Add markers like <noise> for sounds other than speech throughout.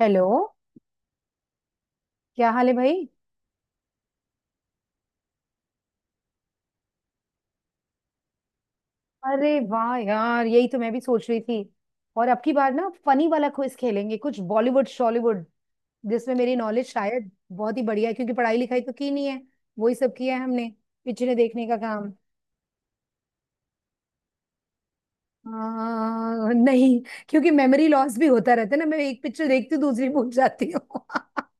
Hello. क्या हाल है भाई? अरे वाह यार, यही तो मैं भी सोच रही थी। और अब की बार ना फनी वाला क्विज खेलेंगे, कुछ बॉलीवुड शॉलीवुड। जिसमें मेरी नॉलेज शायद बहुत ही बढ़िया है, क्योंकि पढ़ाई लिखाई तो की नहीं है। वही सब किया है हमने, पिक्चरें देखने का काम। नहीं। क्योंकि मेमोरी लॉस भी होता रहता है ना, मैं एक पिक्चर देखती हूँ, दूसरी भूल जाती हूँ। <laughs>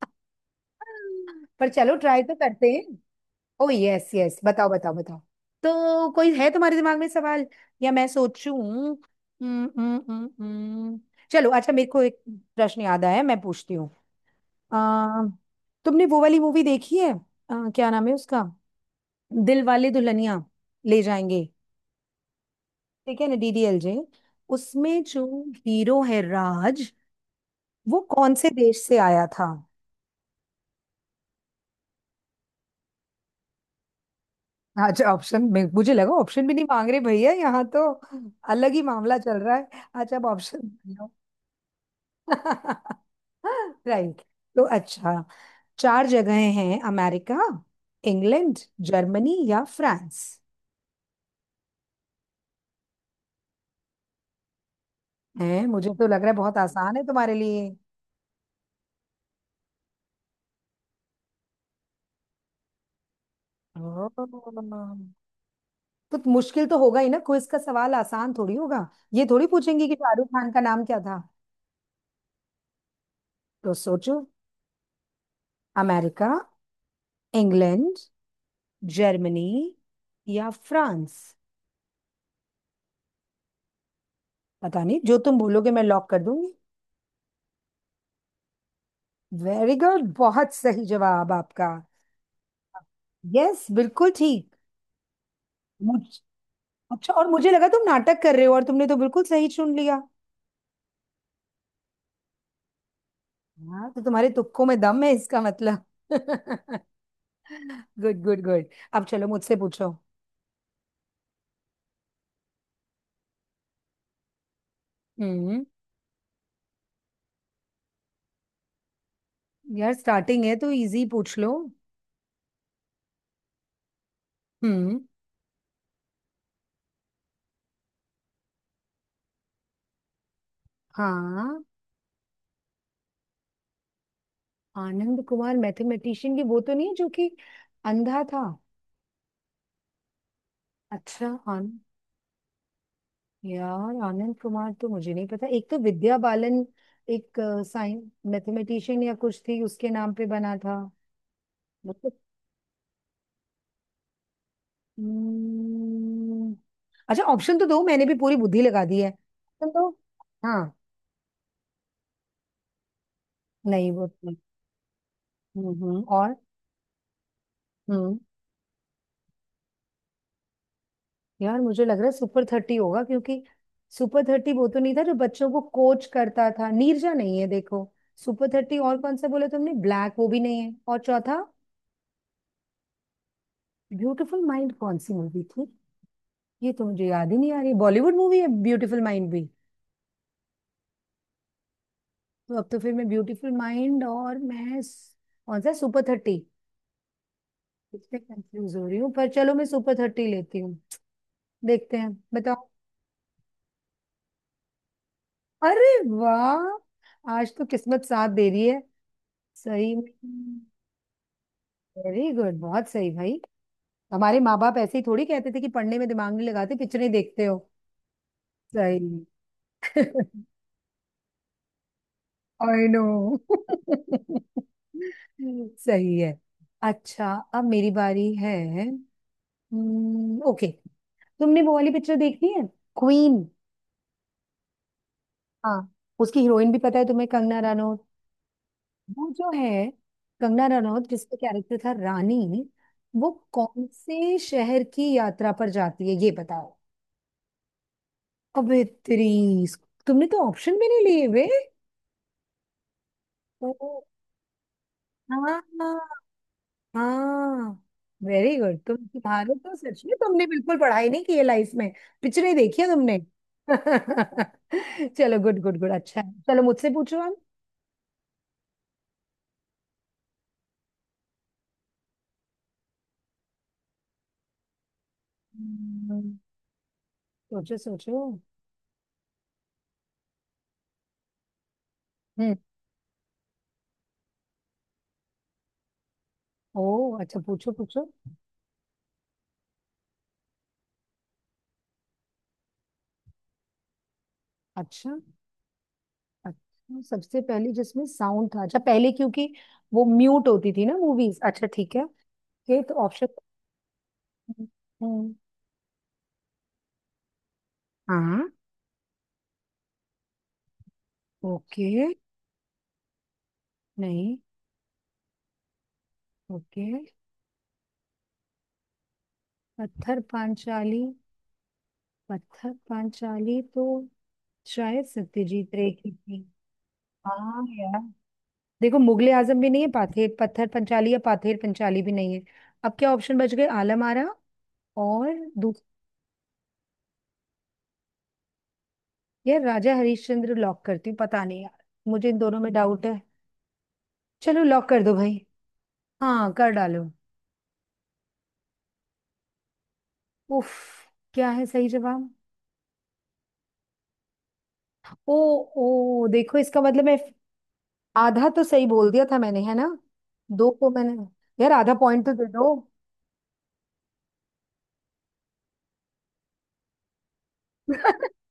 पर चलो, ट्राई तो करते हैं। ओ यस यस, बताओ बताओ बताओ। तो कोई है तुम्हारे दिमाग में सवाल, या मैं सोचूं? हम्म हम्म हम्म हम्म। चलो अच्छा, मेरे को एक प्रश्न याद आया, मैं पूछती हूँ। अम, तुमने वो वाली मूवी देखी है, क्या नाम है उसका? दिल वाले दुल्हनिया ले जाएंगे। ठीक है ना, डीडीएलजे। उसमें जो हीरो है राज, वो कौन से देश से आया था? अच्छा ऑप्शन। मैं मुझे लगा ऑप्शन भी नहीं मांग रहे भैया यहाँ तो, अलग ही मामला चल रहा है। अच्छा, अब ऑप्शन। <laughs> राइट। तो अच्छा, चार जगहें हैं: अमेरिका, इंग्लैंड, जर्मनी या फ्रांस। हैं? मुझे तो लग रहा है बहुत आसान है तुम्हारे लिए। ओह। तो मुश्किल तो होगा ही ना, क्विज का सवाल आसान थोड़ी होगा। ये थोड़ी पूछेंगे कि शाहरुख खान का नाम क्या था। तो सोचो। अमेरिका, इंग्लैंड, जर्मनी या फ्रांस। पता नहीं, जो तुम बोलोगे मैं लॉक कर दूंगी। वेरी गुड, बहुत सही जवाब आपका। यस, बिल्कुल ठीक। मुझ अच्छा, और मुझे लगा तुम नाटक कर रहे हो, और तुमने तो बिल्कुल सही चुन लिया। हाँ, तो तुम्हारे तुक्कों में दम है इसका मतलब। <laughs> Good good good. अब चलो, मुझसे पूछो। हम्म। यार, स्टार्टिंग है तो इजी पूछ लो। हम्म। हाँ। आनंद कुमार मैथमेटिशियन की वो तो नहीं है जो कि अंधा था? अच्छा। आन यार, आनंद कुमार तो मुझे नहीं पता। एक तो विद्या बालन, एक साइंस मैथमेटिशियन या कुछ थी उसके नाम पे बना था। हम्म, अच्छा, ऑप्शन तो दो, मैंने भी पूरी बुद्धि लगा दी है, ऑप्शन दो। हाँ। नहीं, वो तो नहीं। हम्म, हम्म। और? हम्म। यार, मुझे लग रहा है सुपर थर्टी होगा, क्योंकि सुपर थर्टी वो तो नहीं था जो बच्चों को कोच करता था? नीरजा नहीं है देखो। सुपर थर्टी, और कौन सा बोले तुमने? ब्लैक, वो भी नहीं है। और चौथा? ब्यूटीफुल माइंड कौन सी मूवी थी? ये तो मुझे याद ही नहीं आ रही, बॉलीवुड मूवी है ब्यूटीफुल माइंड भी? तो अब तो फिर मैं ब्यूटीफुल माइंड और मैं कौन सा, सुपर थर्टी? इससे कंफ्यूज हो रही हूँ, पर चलो मैं सुपर थर्टी लेती हूँ। देखते हैं, बताओ। अरे वाह, आज तो किस्मत साथ दे रही है। सही में। वेरी गुड, बहुत सही भाई। हमारे माँ बाप ऐसे ही थोड़ी कहते थे कि पढ़ने में दिमाग नहीं लगाते, पिक्चरें देखते हो। सही। I know. <laughs> सही है। अच्छा, अब मेरी बारी है। ओके। तुमने वो वाली पिक्चर देखी है, क्वीन? हाँ। उसकी हीरोइन भी पता है तुम्हें, कंगना। वो जो है कंगना रनौत, जिसका कैरेक्टर था रानी, वो कौन से शहर की यात्रा पर जाती है, ये बताओ। अबे तेरी! तुमने तो ऑप्शन भी नहीं लिए वे! ओ, हाँ। हाँ। Very good! तुम्हारे तो सच में तुमने बिल्कुल पढ़ाई नहीं की है लाइफ में, पिक्चरें देखी है तुमने। <laughs> चलो, गुड गुड गुड, अच्छा है, चलो मुझसे पूछो आप। हम्म, सोचो सोचो। हम्म। ओ अच्छा, पूछो पूछो। अच्छा, अच्छा, सबसे पहली जिसमें साउंड था? अच्छा, पहले क्योंकि वो म्यूट होती थी ना मूवीज। अच्छा, ठीक है। ओके, तो ऑप्शन? हाँ। ओके। नहीं। ओके। पत्थर पांचाली? पत्थर पांचाली तो शायद सत्यजीत रे की थी। हाँ यार। देखो, मुगले आजम भी नहीं है, पाथेर पत्थर पंचाली या पाथेर पंचाली भी नहीं है। अब क्या ऑप्शन बच गए? आलम आरा और दूसरा। यार, राजा हरिश्चंद्र लॉक करती हूँ, पता नहीं यार, मुझे इन दोनों में डाउट है। चलो, लॉक कर दो भाई। हाँ, कर डालो। उफ! क्या है सही जवाब? ओ, ओ, देखो इसका मतलब है, आधा तो सही बोल दिया था मैंने, है ना? दो को मैंने। यार, आधा पॉइंट तो दे दो। <laughs>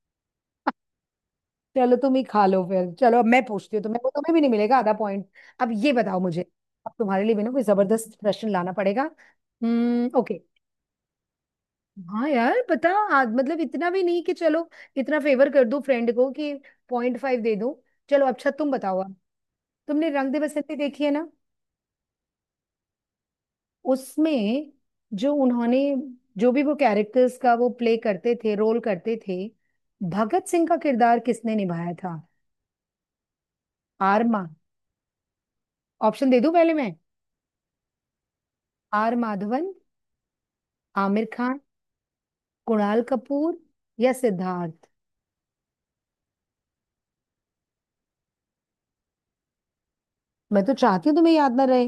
चलो, तुम ही खा लो फिर। चलो अब मैं पूछती हूँ तुम्हें, वो तुम्हें भी नहीं मिलेगा आधा पॉइंट। अब ये बताओ मुझे। अब तुम्हारे लिए भी ना कोई जबरदस्त प्रश्न लाना पड़ेगा। हम्म। ओके। हाँ यार, पता। मतलब इतना भी नहीं कि चलो इतना फेवर कर दूं फ्रेंड को कि 0.5 दे दूं। चलो अच्छा, तुम बताओ अब। तुमने रंग दे बसंती देखी है ना? उसमें जो उन्होंने, जो भी वो कैरेक्टर्स का वो प्ले करते थे, रोल करते थे, भगत सिंह का किरदार किसने निभाया था? आर मा ऑप्शन दे दूं पहले मैं? आर माधवन, आमिर खान, कुणाल कपूर या सिद्धार्थ? मैं तो चाहती हूँ तुम्हें याद ना रहे।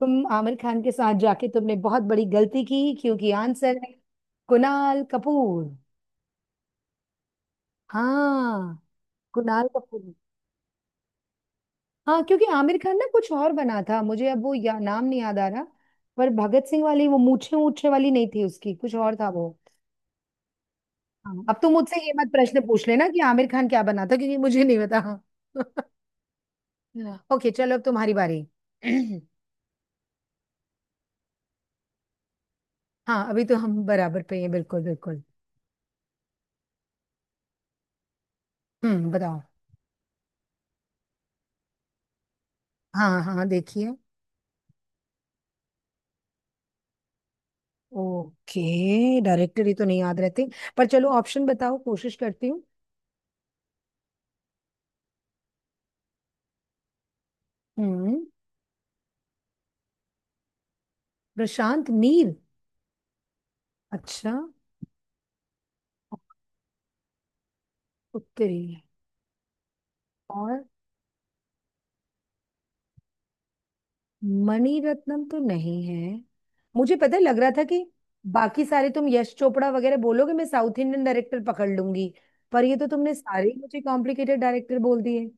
तुम आमिर खान के साथ जाके तुमने बहुत बड़ी गलती की, क्योंकि आंसर है कुणाल कपूर। हाँ। कुणाल कपूर। हाँ, क्योंकि आमिर खान ना कुछ और बना था, मुझे अब वो या, नाम नहीं याद आ रहा। पर भगत सिंह वाली वो मूछे मूछे वाली नहीं थी उसकी, कुछ और था वो। हाँ, अब तुम मुझसे ये मत प्रश्न पूछ लेना कि आमिर खान क्या बना था, क्योंकि मुझे नहीं पता। <laughs> ओके, चलो अब तुम्हारी बारी। <clears throat> हाँ, अभी तो हम बराबर पे हैं, बिल्कुल बिल्कुल। हम्म, बताओ। हाँ हाँ हाँ, देखिए। ओके, डायरेक्टर ही तो नहीं याद रहते, पर चलो ऑप्शन बताओ, कोशिश करती हूँ। हम्म। प्रशांत नील, अच्छा। उत्तरी है। और? मणिरत्नम तो नहीं है, मुझे पता है, लग रहा था कि बाकी सारे तुम यश चोपड़ा वगैरह बोलोगे, मैं साउथ इंडियन डायरेक्टर पकड़ लूंगी, पर ये तो तुमने सारे ही मुझे कॉम्प्लिकेटेड डायरेक्टर बोल दिए।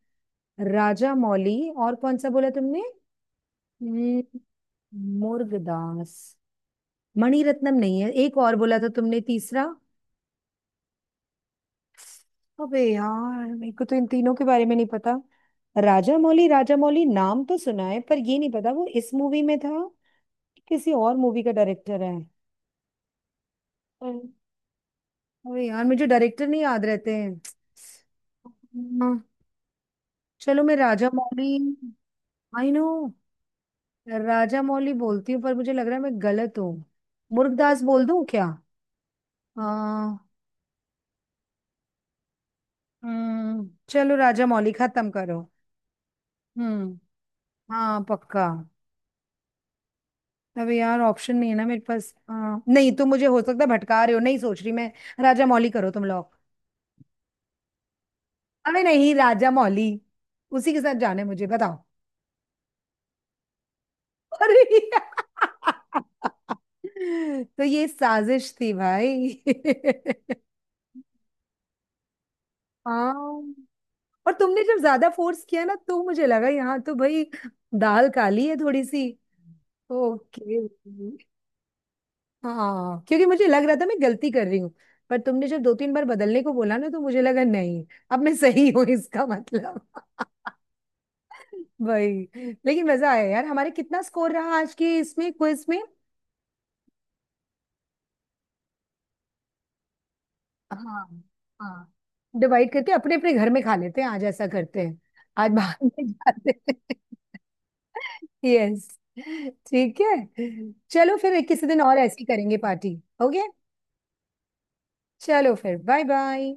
राजा मौली, और कौन सा बोला तुमने? हम्म, मुर्गदास। मणिरत्नम नहीं है, एक और बोला था तुमने तीसरा? अबे यार, मेरे को तो इन तीनों के बारे में नहीं पता। राजा मौली, राजा मौली नाम तो सुना है, पर ये नहीं पता वो इस मूवी में था कि किसी और मूवी का डायरेक्टर है। हम्म। अबे यार, मुझे डायरेक्टर नहीं याद रहते हैं। हाँ, चलो मैं राजा मौली। I know. राजा मौली बोलती हूँ, पर मुझे लग रहा है मैं गलत हूँ। मुर्गदास बोल दूं क्या? हाँ। चलो, राजा मौली खत्म करो। हम्म, हाँ पक्का। अबे यार, ऑप्शन नहीं है ना मेरे पास, नहीं, तुम मुझे हो सकता है भटका रहे हो, नहीं सोच रही मैं। राजा मौली करो तुम लोग। अरे नहीं, राजा मौली। उसी के साथ जाने मुझे, बताओ। अरे! <laughs> तो ये साजिश थी भाई। <laughs> हाँ। और तुमने जब ज्यादा फोर्स किया ना, तो मुझे लगा यहाँ तो भाई दाल काली है थोड़ी सी। ओके। हाँ, क्योंकि मुझे लग रहा था मैं गलती कर रही हूँ, पर तुमने जब दो तीन बार बदलने को बोला ना, तो मुझे लगा नहीं, अब मैं सही हूँ इसका मतलब। <laughs> भाई। लेकिन मजा आया यार, हमारे कितना स्कोर रहा आज की इसमें क्विज में? हाँ। हाँ। डिवाइड करके अपने अपने घर में खा लेते हैं, आज ऐसा करते हैं। आज बाहर <laughs> में जाते हैं। यस। ठीक है। चलो फिर किसी दिन और ऐसी करेंगे पार्टी। ओके। चलो फिर, बाय बाय।